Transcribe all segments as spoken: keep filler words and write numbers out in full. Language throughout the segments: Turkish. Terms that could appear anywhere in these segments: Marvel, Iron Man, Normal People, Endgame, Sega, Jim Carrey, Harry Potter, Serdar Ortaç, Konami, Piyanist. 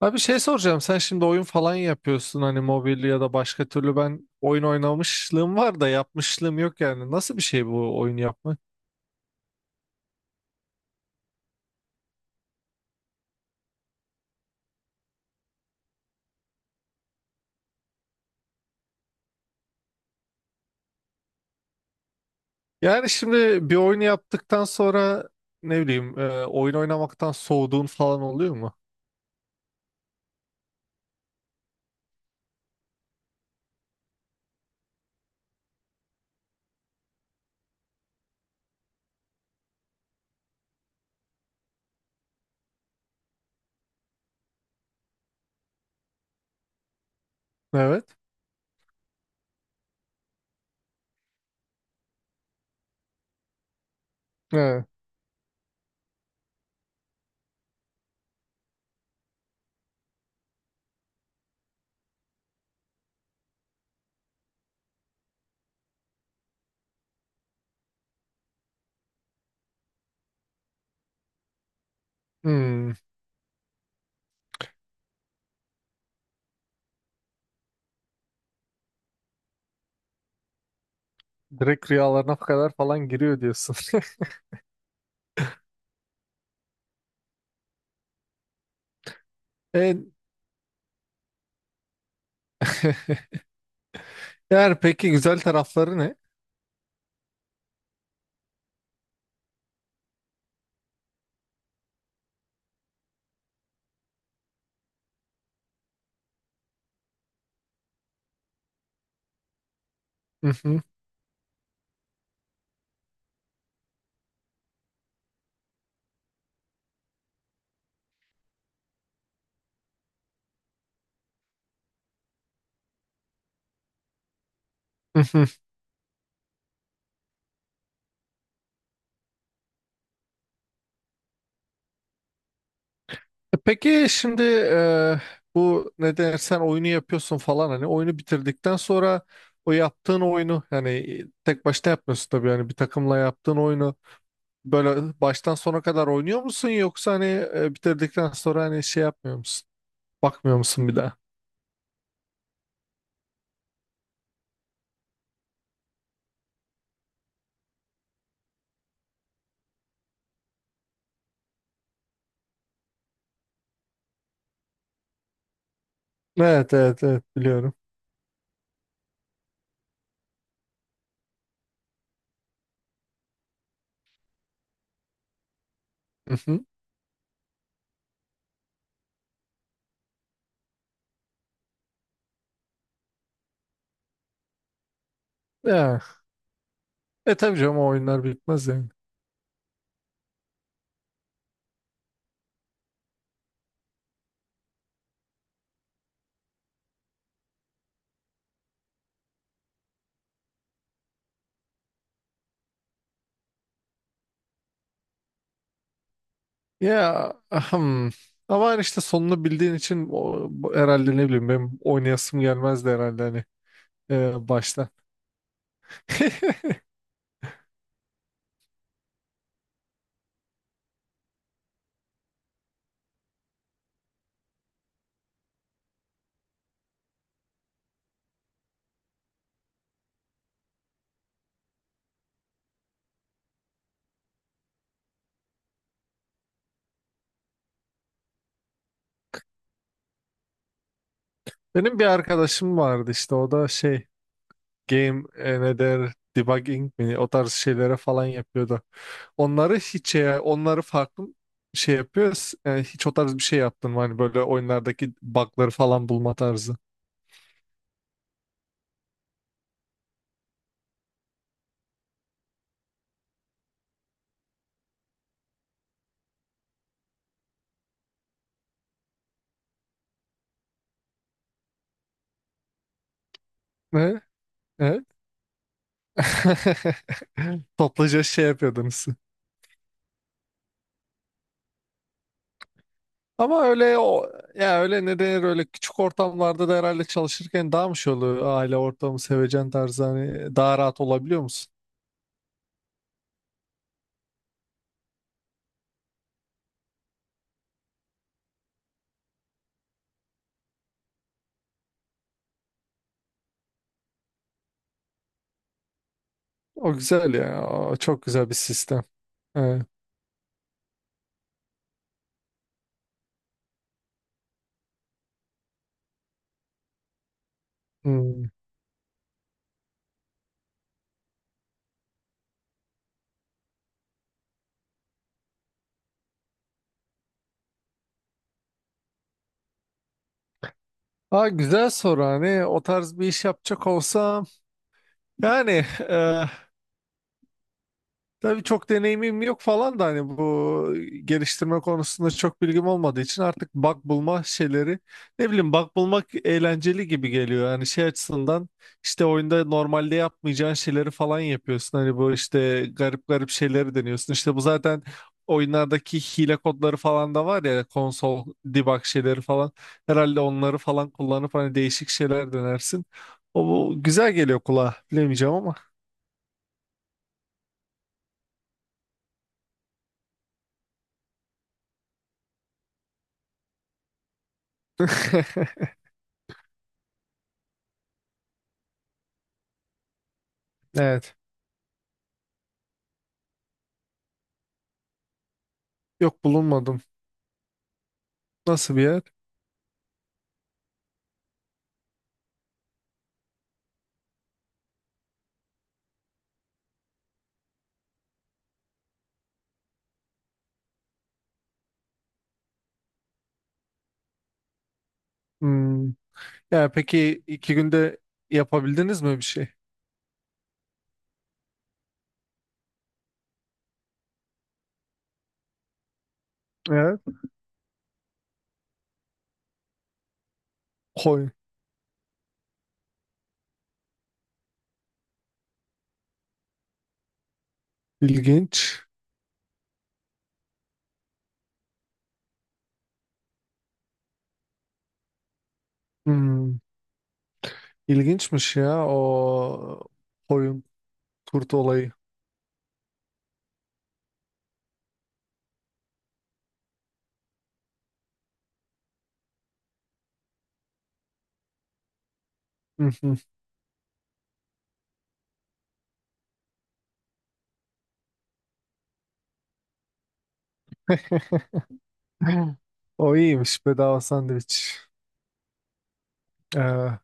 Abi şey soracağım sen şimdi oyun falan yapıyorsun hani mobil ya da başka türlü ben oyun oynamışlığım var da yapmışlığım yok yani nasıl bir şey bu oyun yapmak? Yani şimdi bir oyunu yaptıktan sonra ne bileyim e, oyun oynamaktan soğuduğun falan oluyor mu? Evet. Evet. Hmm. Direkt rüyalarına kadar falan giriyor diyorsun. E, eğer peki güzel tarafları ne? E, Peki şimdi e, bu ne dersen oyunu yapıyorsun falan hani oyunu bitirdikten sonra o yaptığın oyunu yani tek başına yapmıyorsun tabii yani bir takımla yaptığın oyunu böyle baştan sona kadar oynuyor musun yoksa hani e, bitirdikten sonra hani şey yapmıyor musun? Bakmıyor musun bir daha? Evet, evet, evet, biliyorum. Mhm. Ya, e tabii canım o oyunlar bitmez yani. Ya ahem. Ama hani işte sonunu bildiğin için o, bu- herhalde ne bileyim benim oynayasım gelmezdi herhalde hani e, başta. Benim bir arkadaşım vardı işte o da şey game e, ne der debugging mi o tarz şeylere falan yapıyordu. Onları hiç e, onları farklı şey yapıyor. S- e, hiç o tarz bir şey yaptın mı? Hani böyle oyunlardaki bug'ları falan bulma tarzı. Ne? Evet. Toplaca şey yapıyordunuz. Ama öyle o, ya öyle ne denir öyle küçük ortamlarda da herhalde çalışırken daha mı şey oluyor aile ortamı sevecen tarzı hani daha rahat olabiliyor musun? O güzel ya, o çok güzel bir sistem. Evet. Hmm. Aa, güzel soru, hani o tarz bir iş yapacak olsam yani tabii çok deneyimim yok falan da hani bu geliştirme konusunda çok bilgim olmadığı için artık bug bulma şeyleri ne bileyim bug bulmak eğlenceli gibi geliyor. Yani şey açısından işte oyunda normalde yapmayacağın şeyleri falan yapıyorsun. Hani bu işte garip garip şeyleri deniyorsun. İşte bu zaten oyunlardaki hile kodları falan da var ya, konsol debug şeyleri falan. Herhalde onları falan kullanıp hani değişik şeyler denersin. O bu güzel geliyor kulağa, bilemeyeceğim ama. Evet. Yok, bulunmadım. Nasıl bir yer? Hmm. Ya peki iki günde yapabildiniz mi bir şey? Evet. Koyun. İlginç. Hmm. İlginçmiş ya o koyun kurt olayı. Hı hı. O iyiymiş, bedava sandviç. Ee,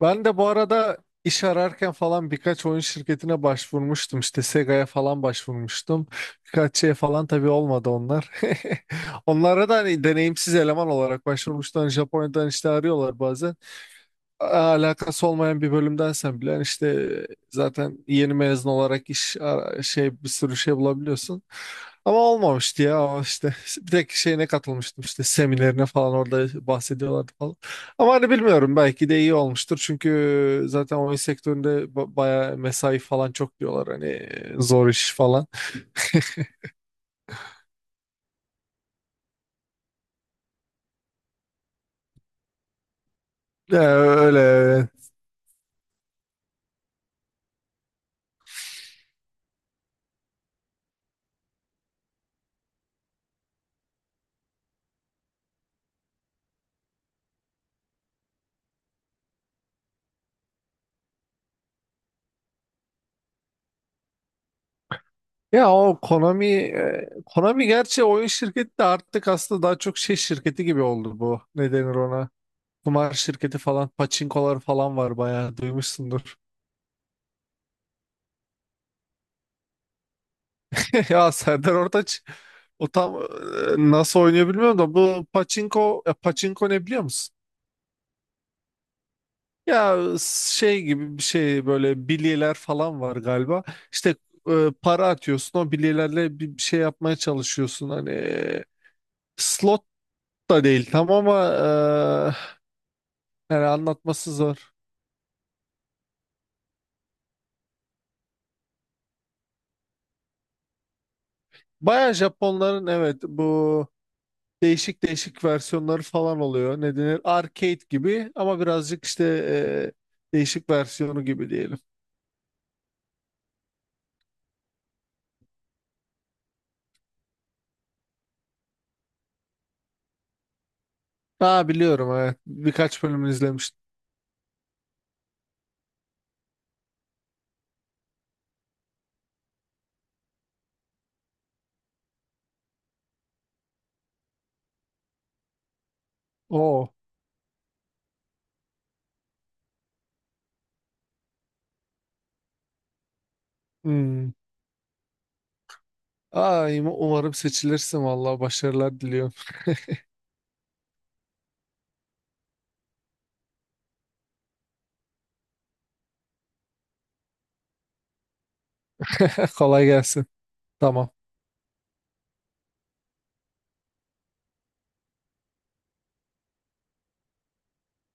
ben de bu arada iş ararken falan birkaç oyun şirketine başvurmuştum. İşte Sega'ya falan başvurmuştum. Birkaç şey falan tabii olmadı onlar. Onlara da hani deneyimsiz eleman olarak başvurmuştum. Hani Japonya'dan işte arıyorlar bazen. Alakası olmayan bir bölümdensen bile hani işte zaten yeni mezun olarak iş ara- şey bir sürü şey bulabiliyorsun. Ama olmamıştı ya o işte, bir tek şeyine katılmıştım, işte seminerine falan, orada bahsediyorlardı falan. Ama hani bilmiyorum, belki de iyi olmuştur, çünkü zaten oyun sektöründe ba- bayağı mesai falan çok diyorlar, hani zor iş falan. Ee, öyle. Ya o Konami, e, Konami gerçi oyun şirketi de artık aslında daha çok şey şirketi gibi oldu bu. Ne denir ona? Kumar şirketi falan, paçinkolar falan var, bayağı duymuşsundur. Ya Serdar Ortaç o tam e, nasıl oynuyor bilmiyorum da bu paçinko, e, paçinko ne biliyor musun? Ya şey gibi bir şey, böyle bilyeler falan var galiba. İşte e, para atıyorsun o bilyelerle bir, bir şey yapmaya çalışıyorsun. Hani e, slot da değil tam ama e, yani anlatması zor. Baya Japonların, evet, bu değişik değişik versiyonları falan oluyor. Ne denir? Arcade gibi ama birazcık işte e, değişik versiyonu gibi diyelim. Aa, biliyorum, evet. Birkaç bölümünü izlemiştim. Oo. Hmm. Ay, umarım seçilirsin, vallahi başarılar diliyorum. Kolay gelsin. Tamam.